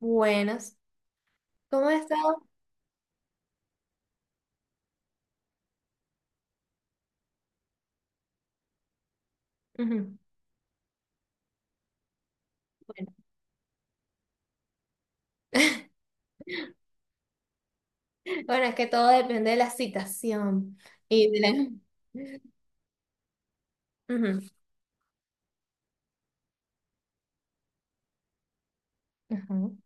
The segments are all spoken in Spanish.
Buenas. ¿Cómo has estado? Ujú. Bueno. Bueno, es que todo depende de la citación y de la... Ujú, ujú,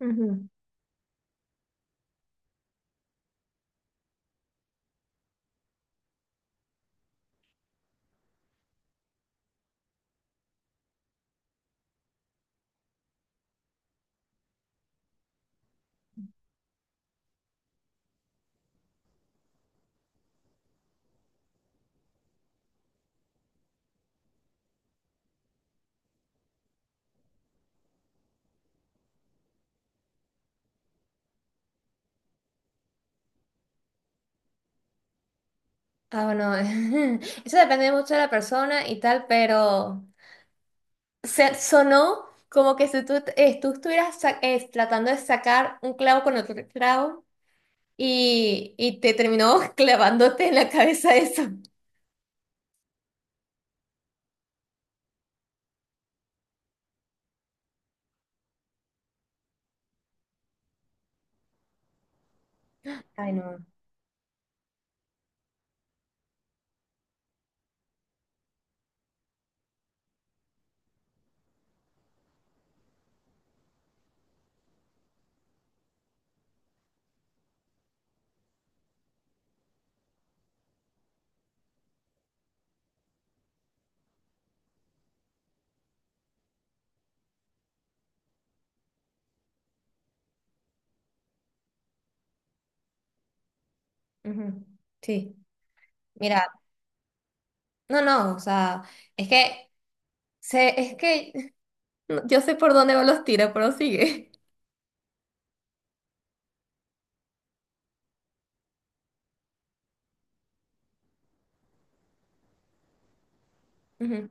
ujú. Ah, bueno, eso depende mucho de la persona y tal, pero se sonó como que si tú, tú estuvieras tratando de sacar un clavo con otro clavo y te terminó clavándote en la cabeza eso. Ay, no. Ujú. Sí, mira, no, no, o sea, es que, es que no, yo sé por dónde van los tiros, pero sigue. Ujú.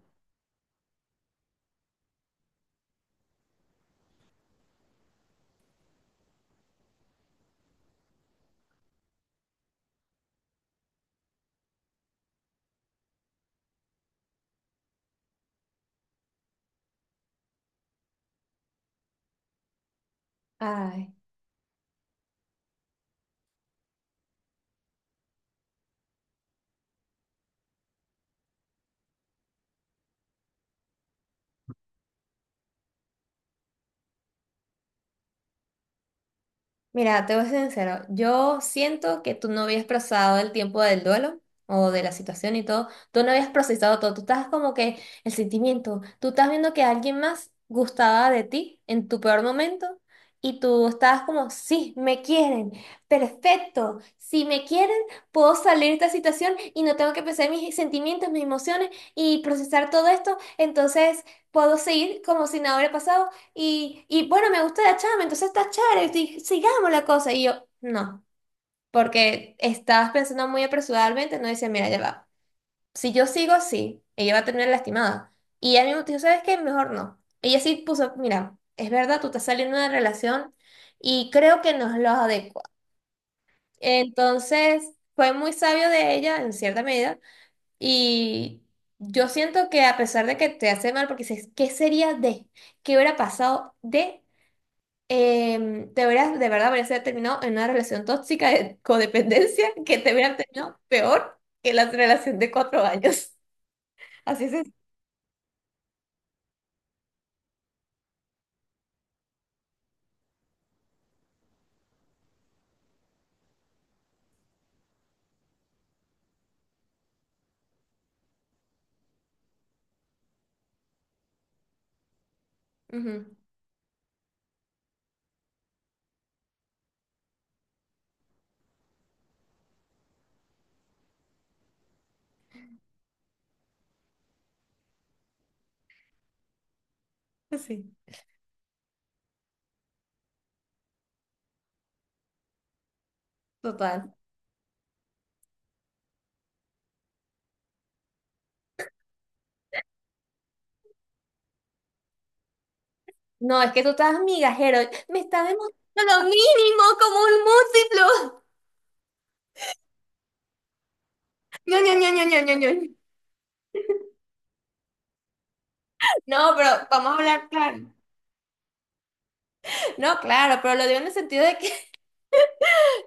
Ay. Mira, te voy a ser sincero, yo siento que tú no habías procesado el tiempo del duelo o de la situación y todo, tú no habías procesado todo, tú estás como que el sentimiento, tú estás viendo que alguien más gustaba de ti en tu peor momento y tú estabas como, sí, me quieren, perfecto, si me quieren, puedo salir de esta situación y no tengo que pensar en mis sentimientos, mis emociones y procesar todo esto, entonces puedo seguir como si nada hubiera pasado y bueno, me gusta la chama, entonces está chévere, sigamos la cosa. Y yo, no, porque estabas pensando muy apresuradamente, no dice, mira, ya va. Si yo sigo así, ella va a terminar lastimada. Y ella mismo dijo, ¿sabes qué? Mejor no. Ella sí puso, mira, es verdad, tú estás saliendo de una relación y creo que no es lo adecuado. Entonces, fue muy sabio de ella, en cierta medida, y yo siento que a pesar de que te hace mal, porque dices, ¿qué sería de? ¿Qué hubiera pasado de? Te hubieras, de verdad, hubieras terminado en una relación tóxica de codependencia que te hubieran terminado peor que la relación de 4 años. Así es. Ujú, pues sí, total. No, es que tú estás migajero. Me está demostrando lo mínimo como un múltiplo. No, no, no, no, no, no, no. No, pero vamos a hablar claro. No, claro, pero lo digo en el sentido de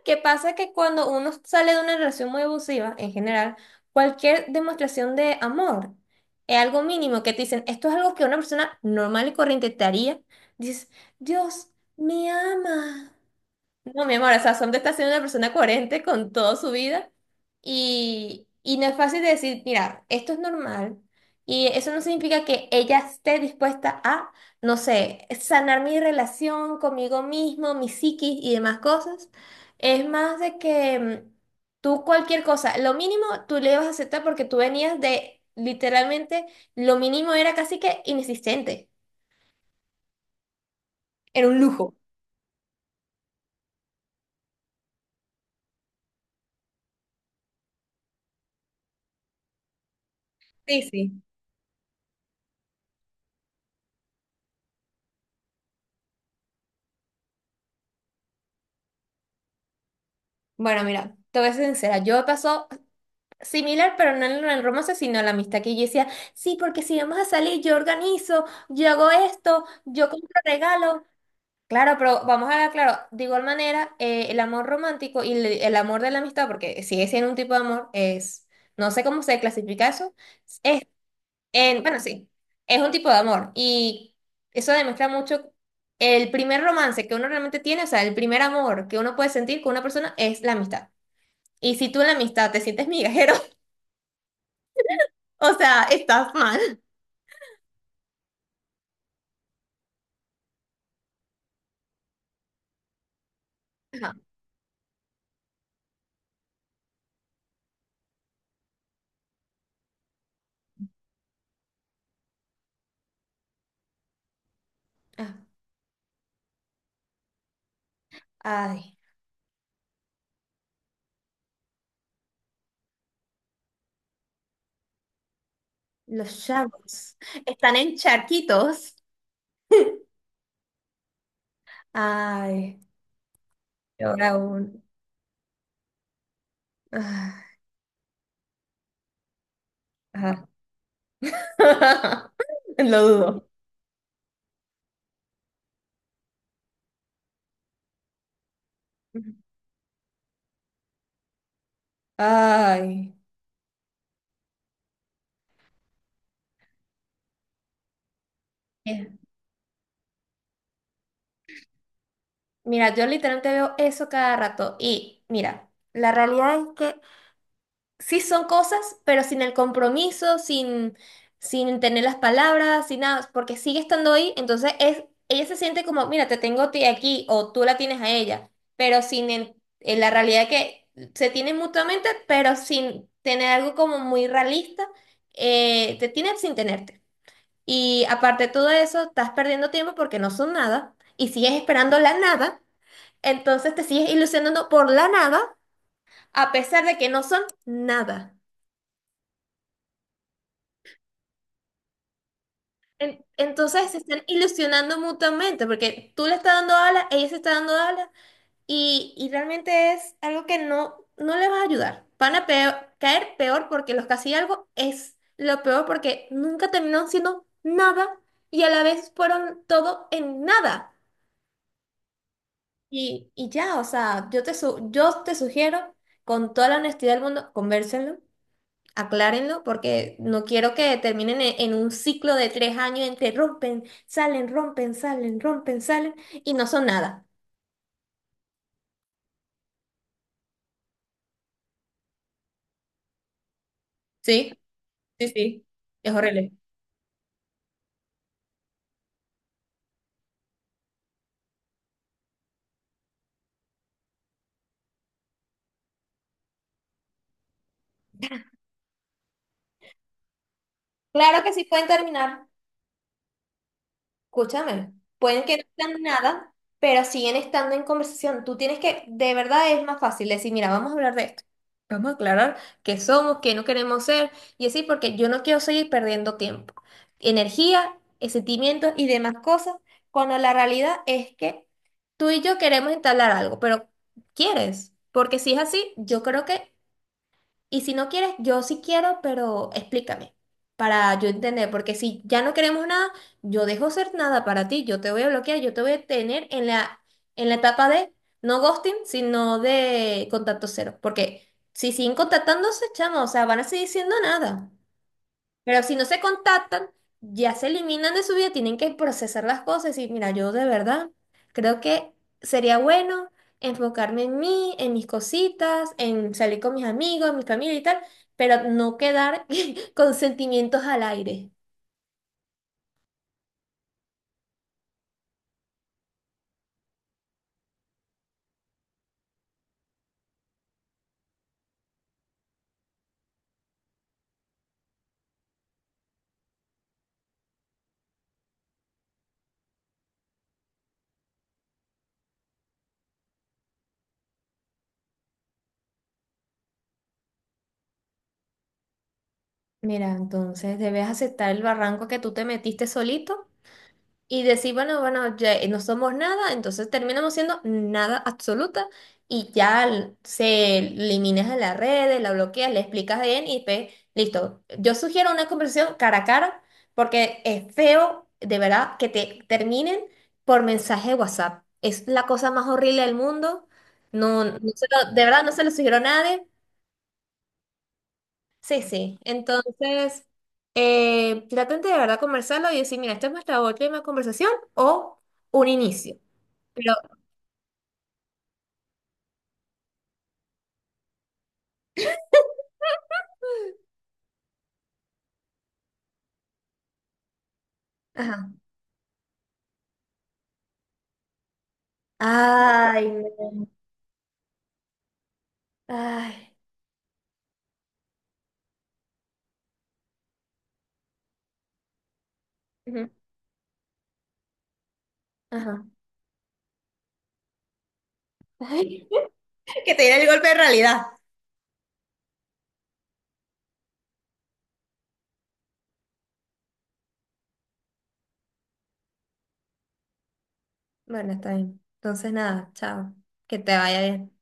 que pasa que cuando uno sale de una relación muy abusiva, en general, cualquier demostración de amor es algo mínimo que te dicen, esto es algo que una persona normal y corriente te haría. Dices, Dios, me ama. No, mi amor, o sea, Sombra está siendo una persona coherente con toda su vida y no es fácil de decir, mira, esto es normal y eso no significa que ella esté dispuesta a, no sé, sanar mi relación conmigo mismo, mi psiquis y demás cosas. Es más de que tú cualquier cosa, lo mínimo tú le vas a aceptar porque tú venías de, literalmente, lo mínimo era casi que inexistente, era un lujo. Sí, sí. Bueno, mira, te voy a ser sincera, yo pasó similar, pero no en el romance, sino la amistad que yo decía, sí, porque si vamos a salir, yo organizo, yo hago esto, yo compro regalos. Claro, pero vamos a ver, claro, de igual manera, el amor romántico y el amor de la amistad, porque sigue siendo un tipo de amor, es, no sé cómo se clasifica eso, es, bueno, sí, es un tipo de amor. Y eso demuestra mucho el primer romance que uno realmente tiene, o sea, el primer amor que uno puede sentir con una persona es la amistad. Y si tú en la amistad te sientes migajero, o sea, estás mal. Ajá. Ah. Ay, los chavos. Están en charquitos. Ay, y ahora un... ah, ajá. Lo dudo. Ay. Mira, yo literalmente veo eso cada rato. Y mira, la realidad es que sí son cosas, pero sin el compromiso, sin, sin tener las palabras, sin nada, porque sigue estando ahí, entonces es, ella se siente como, mira, te tengo a ti aquí o tú la tienes a ella, pero sin el- en la realidad que se tienen mutuamente, pero sin tener algo como muy realista, te tienen sin tenerte. Y aparte de todo eso, estás perdiendo tiempo porque no son nada y sigues esperando la nada, entonces te sigues ilusionando por la nada a pesar de que no son nada. En- Entonces se están ilusionando mutuamente porque tú le estás dando alas, ella se está dando alas y realmente es algo que no, no le va a ayudar. Van a caer peor porque los casi algo es lo peor porque nunca terminaron siendo nada y a la vez fueron todo en nada. Y ya, o sea, yo te sugiero con toda la honestidad del mundo, convérselo. Aclárenlo porque no quiero que terminen en un ciclo de 3 años entre rompen, salen, rompen, salen, rompen, salen y no son nada. Sí, sí, sí. Es horrible. Claro que sí pueden terminar. Escúchame, pueden que no sean nada, pero siguen estando en conversación. Tú tienes que, de verdad es más fácil decir, mira, vamos a hablar de esto. Vamos a aclarar qué somos, qué no queremos ser, y así porque yo no quiero seguir perdiendo tiempo, energía, sentimientos y demás cosas, cuando la realidad es que tú y yo queremos entablar algo, pero ¿quieres? Porque si es así, yo creo que y si no quieres, yo sí quiero, pero explícame para yo entender, porque si ya no queremos nada, yo dejo ser nada para ti, yo te voy a bloquear, yo te voy a tener en la etapa de no ghosting, sino de contacto cero, porque si siguen contactándose, chamo, o sea, van a seguir siendo nada. Pero si no se contactan, ya se eliminan de su vida, tienen que procesar las cosas y mira, yo de verdad creo que sería bueno enfocarme en mí, en mis cositas, en salir con mis amigos, mi familia y tal, pero no quedar con sentimientos al aire. Mira, entonces debes aceptar el barranco que tú te metiste solito y decir, bueno, bueno, ya no somos nada, entonces terminamos siendo nada absoluta y ya se eliminas de las redes, la bloqueas, le explicas bien y listo. Yo sugiero una conversación cara a cara porque es feo, de verdad, que te terminen por mensaje de WhatsApp. Es la cosa más horrible del mundo. No, no se lo- De verdad no se lo sugiero a nadie. Sí, sí. Entonces, traten de verdad conversarlo y decir, mira, esta es nuestra última conversación o un inicio. Pero, ajá. Ay, no. Ay. Ujú. Ajá. Ay. Que te diera el golpe de realidad. Bueno, está bien. Entonces, nada, chao. Que te vaya bien.